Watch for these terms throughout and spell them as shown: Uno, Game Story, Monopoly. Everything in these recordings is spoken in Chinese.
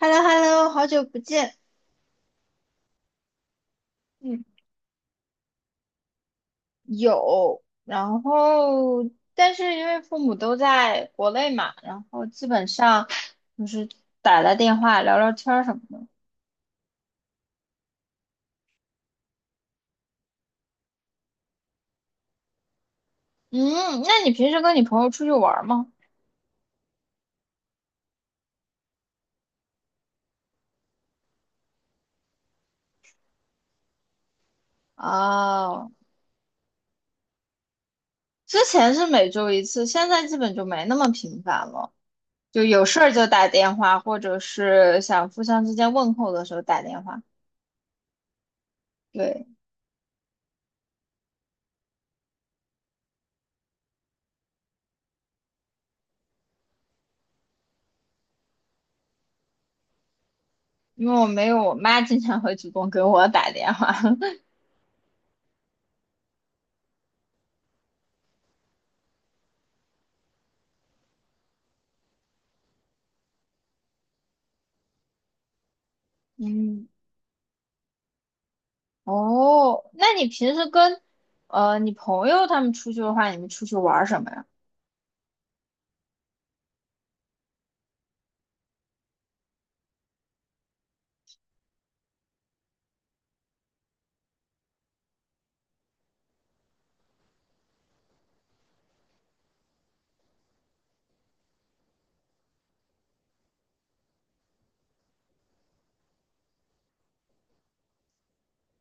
h e l l o h e l l o 好久不见。嗯，有。然后，但是因为父母都在国内嘛，然后基本上就是打打电话、聊聊天儿什么的。嗯，那你平时跟你朋友出去玩儿吗？哦，之前是每周一次，现在基本就没那么频繁了，就有事儿就打电话，或者是想互相之间问候的时候打电话。对，因为我没有我妈经常会主动给我打电话。嗯。哦，那你平时跟你朋友他们出去的话，你们出去玩儿什么呀？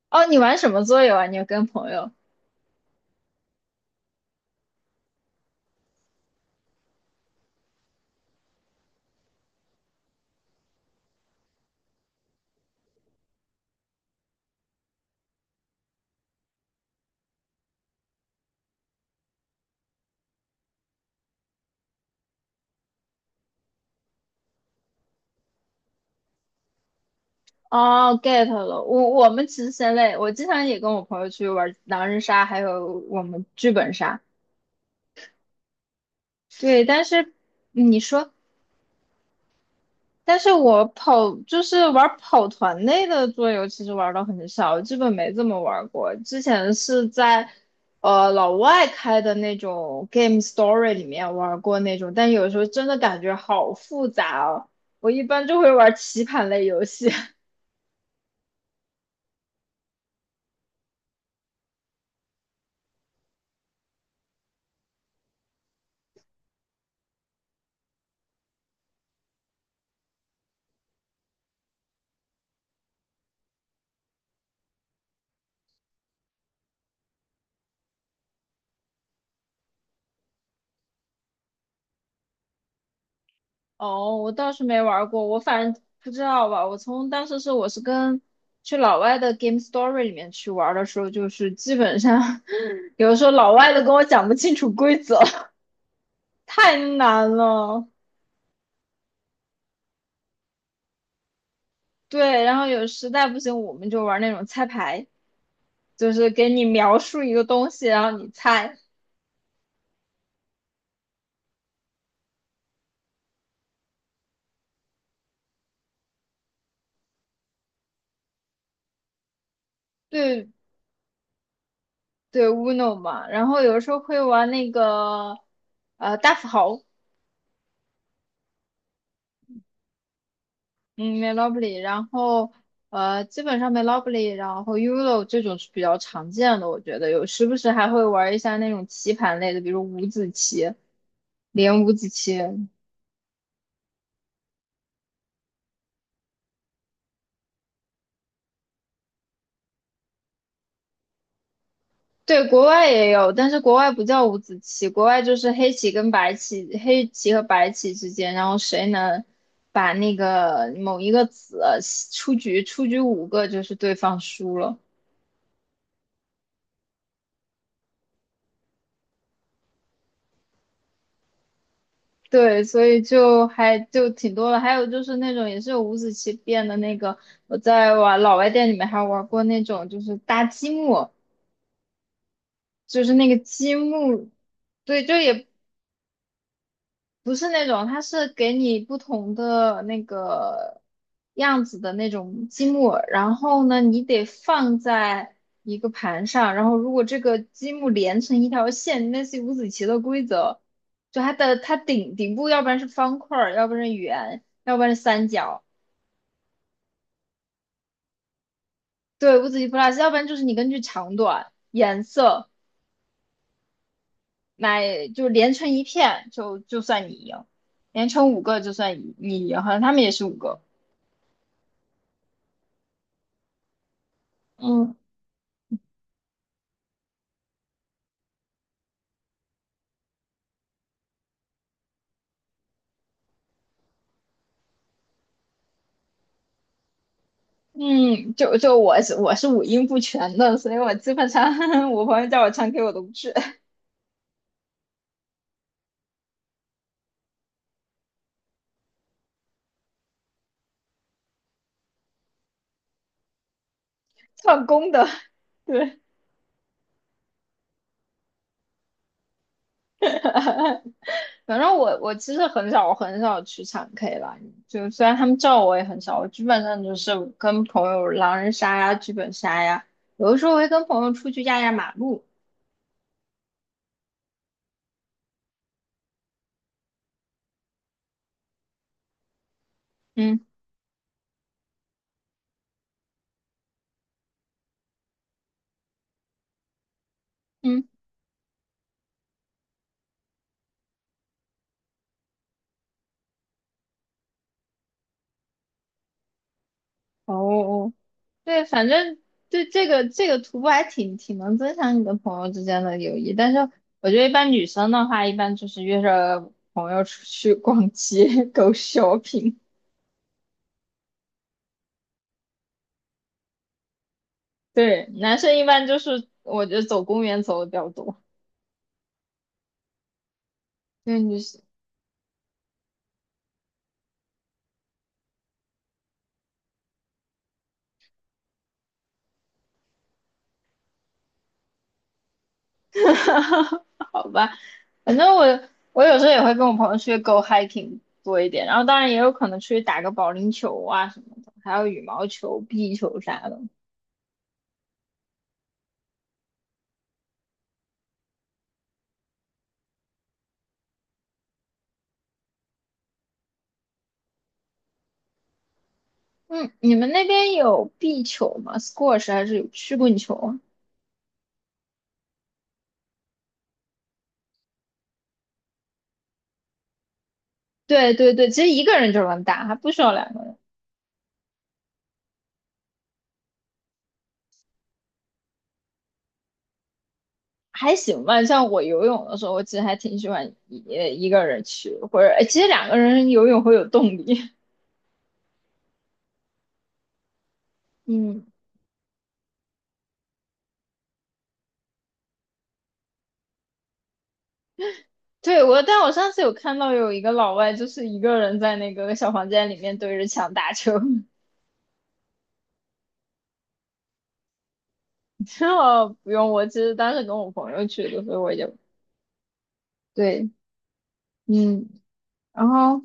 哦，你玩什么桌游啊？你跟朋友？哦，get 了。我们其实先类，我经常也跟我朋友去玩狼人杀，还有我们剧本杀。对，但是你说。但是我跑就是玩跑团类的桌游，其实玩的很少，基本没怎么玩过。之前是在老外开的那种 Game Story 里面玩过那种，但有时候真的感觉好复杂哦。我一般就会玩棋盘类游戏。哦，我倒是没玩过，我反正不知道吧。当时我是跟去老外的 Game Story 里面去玩的时候，就是基本上 有的时候老外都跟我讲不清楚规则。太难了。对，然后实在不行，我们就玩那种猜牌，就是给你描述一个东西，然后你猜。对对，Uno 嘛。然后有时候会玩那个大富豪。嗯，Monopoly，然后基本上 Monopoly，然后 Uno 这种是比较常见的，我觉得有时不时还会玩一下那种棋盘类的，比如五子棋、连五子棋。对，国外也有，但是国外不叫五子棋，国外就是黑棋跟白棋，黑棋和白棋之间，然后谁能把那个某一个子出局，出局五个就是对方输了。对，所以就还就挺多了。还有就是那种也是有五子棋变的那个，我在玩老外店里面还玩过那种，就是搭积木，就是那个积木。对，就也不是那种，它是给你不同的那个样子的那种积木，然后呢，你得放在一个盘上，然后如果这个积木连成一条线，类似于五子棋的规则，就它的顶顶部，要不然是方块儿，要不然是圆，要不然是三角。对，五子棋 plus，要不然就是你根据长短、颜色来，就连成一片，就算你赢，连成五个就算你赢，好像他们也是五个。嗯嗯，就我是五音不全的，所以我基本上 我朋友叫我唱 K 我都不去，唱功的。对，反正我其实很少去唱 K 吧，就虽然他们叫我也很少，我基本上就是跟朋友狼人杀呀、剧本杀呀，有的时候会跟朋友出去压压马路。嗯嗯，哦对，反正对这个徒步还挺能增强你的朋友之间的友谊，但是我觉得一般女生的话，一般就是约着朋友出去逛街、go shopping。对，男生一般就是我觉得走公园走的比较多，对女生，好吧，反正我有时候也会跟我朋友出去 go hiking 多一点，然后当然也有可能出去打个保龄球啊什么的，还有羽毛球、壁球啥的。嗯，你们那边有壁球吗？squash 还是有曲棍球啊？对，其实一个人就能打，还不需要两个人。还行吧，像我游泳的时候，我其实还挺喜欢一个人去，或者哎其实两个人游泳会有动力。嗯，但我上次有看到有一个老外，就是一个人在那个小房间里面对着墙打球，然后不用我，其实当时跟我朋友去的，所以我就对。嗯，然后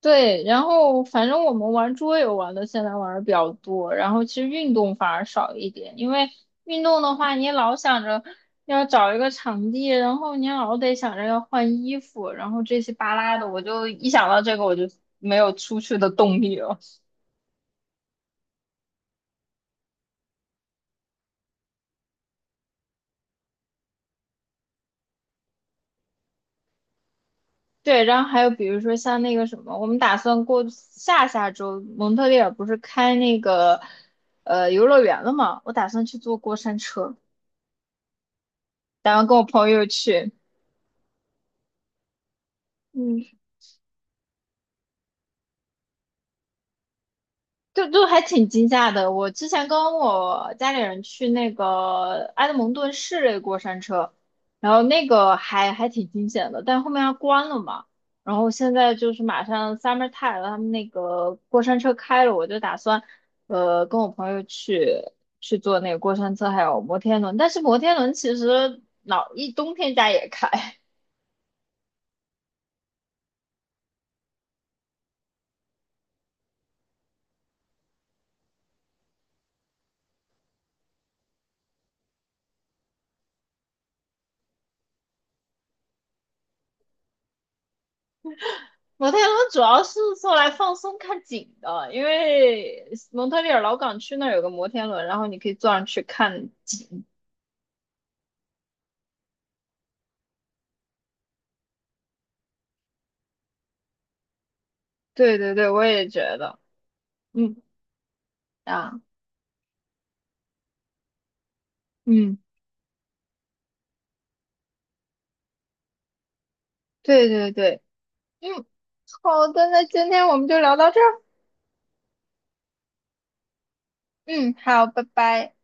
对，然后反正我们玩桌游现在玩的比较多，然后其实运动反而少一点，因为运动的话，你老想着要找一个场地，然后你老得想着要换衣服，然后这些巴拉的，我就一想到这个我就没有出去的动力了。对，然后还有比如说像那个什么，我们打算过下下周蒙特利尔不是开那个游乐园了嘛，我打算去坐过山车，打算跟我朋友去。嗯，就还挺惊吓的。我之前跟我家里人去那个埃德蒙顿市内过山车，然后那个还挺惊险的，但后面它关了嘛。然后现在就是马上 summer time 了，他们那个过山车开了，我就打算跟我朋友去坐那个过山车，还有摩天轮。但是摩天轮其实老一冬天家也开。摩天轮主要是做来放松看景的，因为蒙特利尔老港区那儿有个摩天轮，然后你可以坐上去看景。对，我也觉得。嗯，啊，嗯，对，嗯，好的，那今天我们就聊到这儿。嗯，好，拜拜。